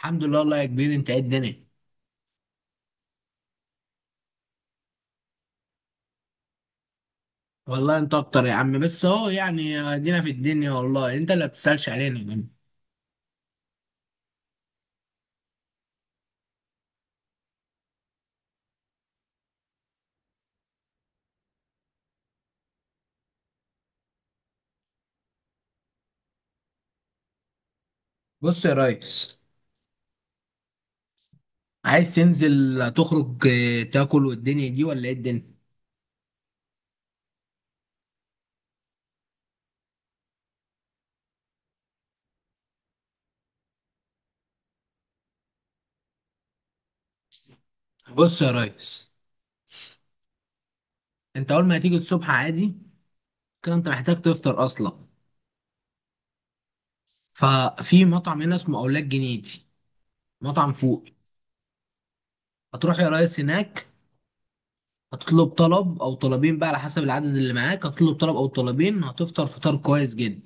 الحمد لله والله يا كبير، انت ايه الدنيا. والله انت اكتر يا عم، بس اهو يعني ادينا في الدنيا. والله انت اللي بتسألش علينا يا عم. بص يا ريس، عايز تنزل تخرج تاكل والدنيا دي، ولا ايه الدنيا؟ بص يا ريس، انت اول ما هتيجي الصبح عادي كده، انت محتاج تفطر اصلا. ففي مطعم هنا اسمه اولاد جنيدي، مطعم فوق. هتروح يا ريس هناك، هتطلب طلب او طلبين بقى على حسب العدد اللي معاك. هتطلب طلب او طلبين، هتفطر فطار كويس جدا.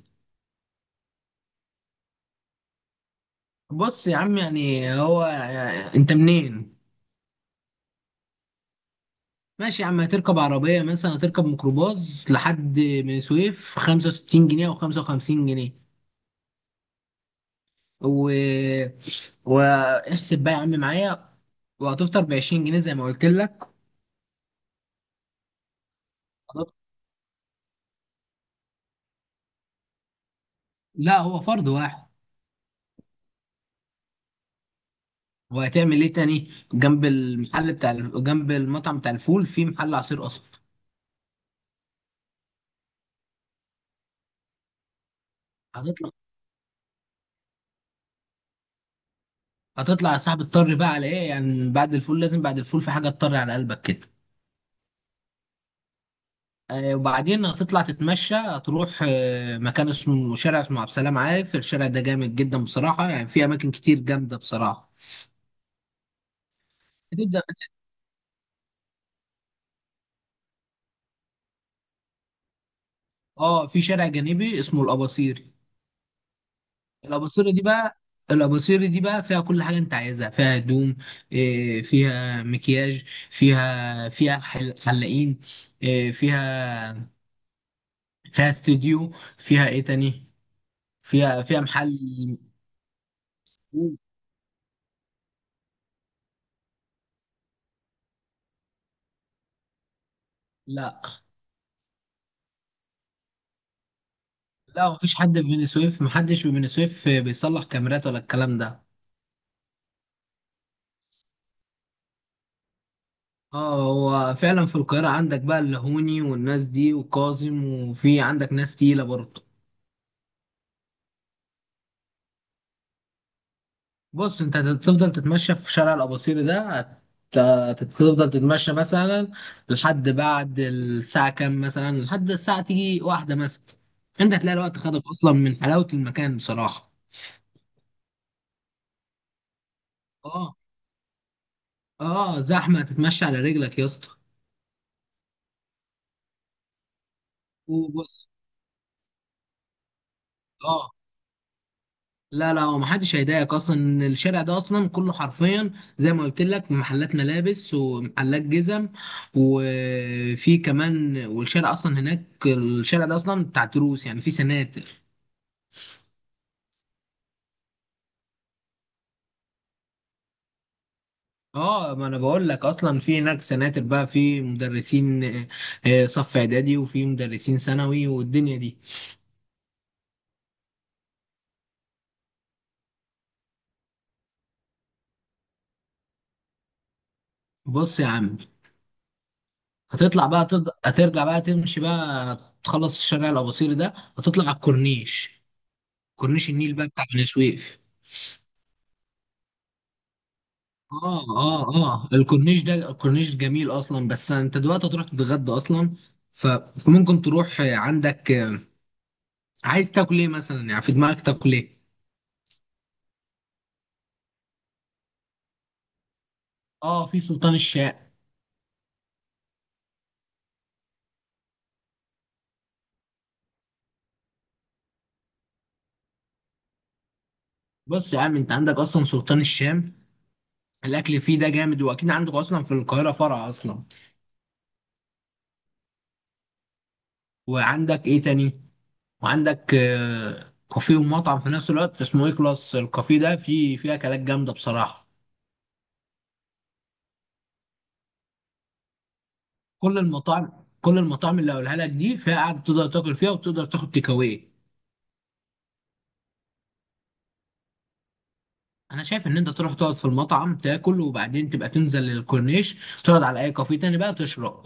بص يا عم، يعني هو، انت منين؟ ماشي يا عم، هتركب عربية مثلا، هتركب ميكروباص لحد من سويف 65 جنيه او 55 جنيه. و... واحسب بقى يا عم معايا، وهتفطر ب 20 جنيه زي ما قلت لك. لا هو فرد واحد. وهتعمل ايه تاني؟ جنب المحل بتاع جنب المطعم بتاع الفول، في محل عصير قصب. هتطلع، هتطلع يا صاحبي، تضطر بقى على ايه؟ يعني بعد الفول لازم، بعد الفول في حاجة تطر على قلبك كده. وبعدين هتطلع تتمشى، هتروح مكان اسمه، شارع اسمه عبد السلام عارف. الشارع ده جامد جدا بصراحة، يعني في أماكن كتير جامدة بصراحة. هتبدأ، اه في شارع جانبي اسمه الأباصيري. الأباصيري دي بقى، الأباصيري دي بقى فيها كل حاجة أنت عايزها. فيها هدوم، فيها مكياج، فيها حلاقين، آه، فيها فيها استوديو، فيها إيه تاني، فيها محل. لا لا، مفيش حد في بني سويف، محدش في بني سويف بيصلح كاميرات ولا الكلام ده. اه، هو فعلا في القاهرة عندك بقى اللهوني والناس دي وكاظم، وفي عندك ناس تقيلة برضه. بص، انت هتفضل تتمشى في شارع الأباصيري ده، هتفضل تتمشى مثلا لحد بعد الساعة كام، مثلا لحد الساعة تيجي واحدة مثلا. انت هتلاقي الوقت خدك أصلا من حلاوة المكان بصراحة. اه، اه، زحمة تتمشى على رجلك يا اسطى. وبص، اه، لا لا، هو محدش هيضايقك اصلا. الشارع ده اصلا كله حرفيا زي ما قلت لك محلات ملابس ومحلات جزم، وفي كمان، والشارع اصلا هناك، الشارع ده اصلا بتاع دروس، يعني في سناتر. اه، ما انا بقول لك اصلا، في هناك سناتر بقى، في مدرسين صف اعدادي، وفي مدرسين ثانوي والدنيا دي. بص يا عم، هتطلع بقى هترجع بقى تمشي بقى، تخلص الشارع الأباصيري ده، هتطلع على الكورنيش، كورنيش النيل بقى بتاع بني سويف. اه اه اه، الكورنيش ده، الكورنيش جميل اصلا. بس انت دلوقتي هتروح تتغدى اصلا. فممكن تروح عندك، عايز تاكل ايه مثلا؟ يعني في دماغك تاكل ايه؟ اه، في سلطان الشام. بص يا عم، انت عندك اصلا سلطان الشام، الاكل فيه ده جامد، واكيد عندك اصلا في القاهره فرع اصلا. وعندك ايه تاني؟ وعندك كافيه ومطعم في نفس الوقت اسمه ايه كلاس. الكافيه ده فيه اكلات جامده بصراحه. كل المطاعم، كل المطاعم اللي هقولها لك دي فيها قاعد تقدر تاكل فيها، وتقدر تاخد تيك أواي. انا شايف ان انت تروح تقعد في المطعم تاكل، وبعدين تبقى تنزل للكورنيش، تقعد على اي كافيه تاني بقى تشرب.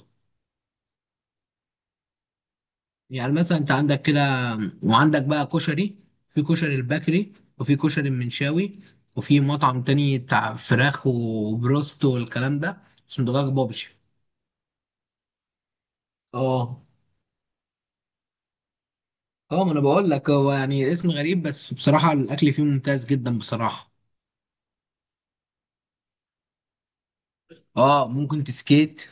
يعني مثلا انت عندك كده، وعندك بقى كشري، في كشري البكري، وفي كشري المنشاوي، وفي مطعم تاني بتاع فراخ وبروست والكلام ده، اسمه دجاج بابجي. اه، اه، ما انا بقول لك، هو يعني اسم غريب، بس بصراحة الاكل فيه ممتاز جدا بصراحة. اه ممكن تسكيت.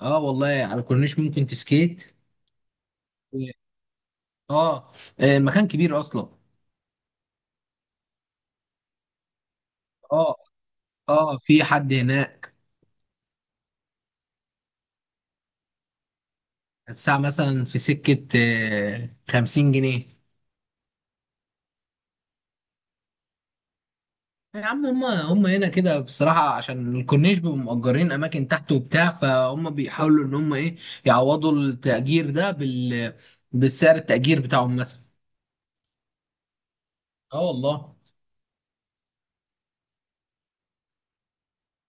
اه والله، على الكورنيش ممكن تسكيت. اه، مكان كبير اصلا. اه، اه في حد هناك. الساعة مثلا في سكة 50 جنيه. يا عم، هما هنا كده بصراحة، عشان الكورنيش بيبقوا مأجرين أماكن تحت وبتاع، فهم بيحاولوا إن هما إيه، يعوضوا التأجير ده بالسعر التأجير بتاعهم مثلا. اه والله.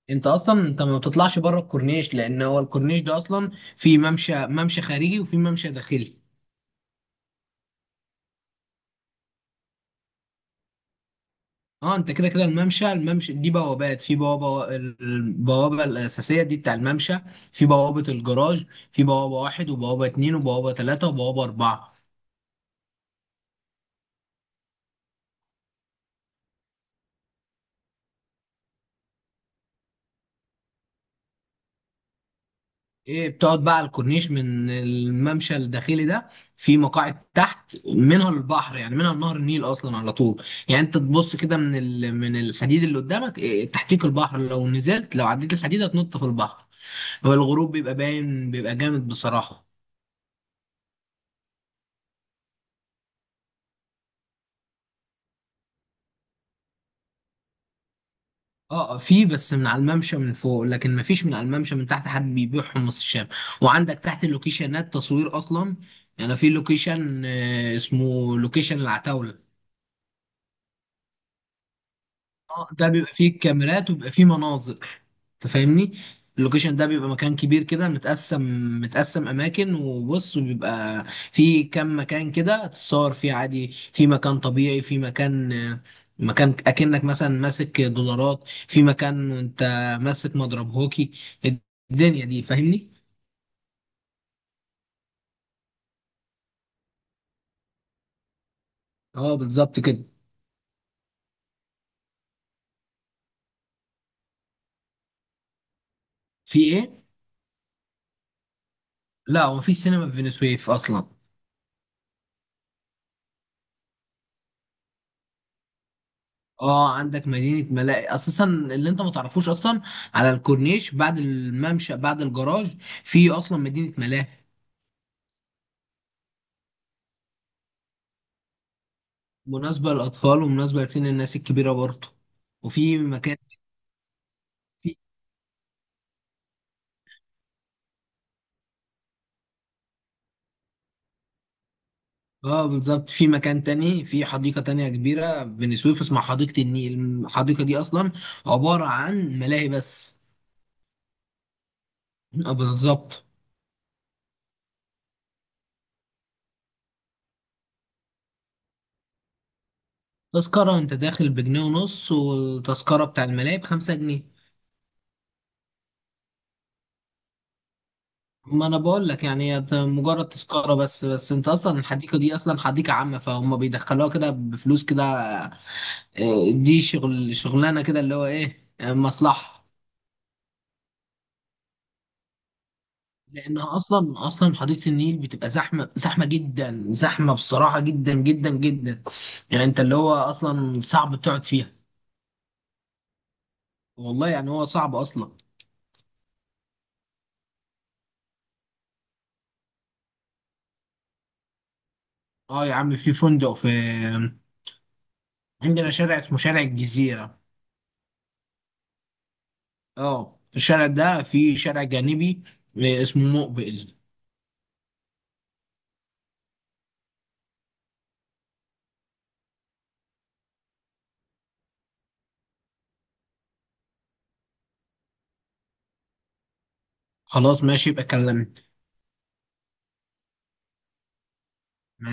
انت اصلا، انت ما بتطلعش بره الكورنيش، لان هو الكورنيش ده اصلا في ممشى، ممشى خارجي، وفي ممشى داخلي. اه انت كده كده الممشى، دي بوابات، في بوابه، البوابه الاساسيه دي بتاع الممشى، في بوابه الجراج، في بوابه واحد وبوابه اتنين وبوابه تلاته وبوابه اربعه. ايه، بتقعد بقى على الكورنيش من الممشى الداخلي ده، في مقاعد تحت منها البحر، يعني منها نهر النيل اصلا على طول. يعني انت تبص كده من من الحديد اللي قدامك، ايه تحتيك البحر، لو نزلت، لو عديت الحديد هتنط في البحر. هو الغروب بيبقى باين، بيبقى جامد بصراحه. اه، في بس من على الممشى من فوق، لكن ما فيش من على الممشى من تحت حد بيبيع حمص الشام. وعندك تحت اللوكيشنات تصوير اصلا، يعني في لوكيشن اسمه لوكيشن العتاولة. اه، ده بيبقى فيه كاميرات، وبيبقى فيه مناظر. انت فاهمني، اللوكيشن ده بيبقى مكان كبير كده متقسم، متقسم اماكن وبص، وبيبقى فيه كام مكان كده تتصور فيه عادي. في مكان طبيعي، في مكان، مكان اكنك مثلا ماسك دولارات، في مكان وانت ماسك مضرب هوكي. الدنيا دي، فاهمني. اه بالظبط كده. في ايه؟ لا هو مفيش سينما في فينيسويف اصلا. اه، عندك مدينة ملاهي اساسا، اللي انت ما تعرفوش اصلا، على الكورنيش بعد الممشى بعد الجراج، في اصلا مدينة ملاهي. مناسبة للاطفال، ومناسبة لسن الناس الكبيرة برضه. وفي مكان، في، اه بالظبط، في مكان تاني، في حديقة تانية كبيرة بني سويف اسمها حديقة النيل. الحديقة دي اصلا عبارة عن ملاهي بس. بالظبط. تذكرة انت داخل ب1 جنيه ونص، والتذكرة بتاع الملاهي ب5 جنيه. ما انا بقول لك، يعني هي مجرد تذكره بس، بس انت اصلا الحديقه دي اصلا حديقه عامه، فهم بيدخلوها كده بفلوس كده. دي شغل، شغلانه كده اللي هو ايه، مصلحه. لانها اصلا، اصلا حديقه النيل بتبقى زحمه، زحمه جدا، زحمه بصراحه جدا جدا جدا. يعني انت اللي هو اصلا صعب تقعد فيها. والله يعني هو صعب اصلا. اه يا عم، في فندق في، عندنا شارع اسمه شارع الجزيره. اه الشارع ده في شارع جانبي اسمه مقبل. خلاص ماشي، يبقى كلمني.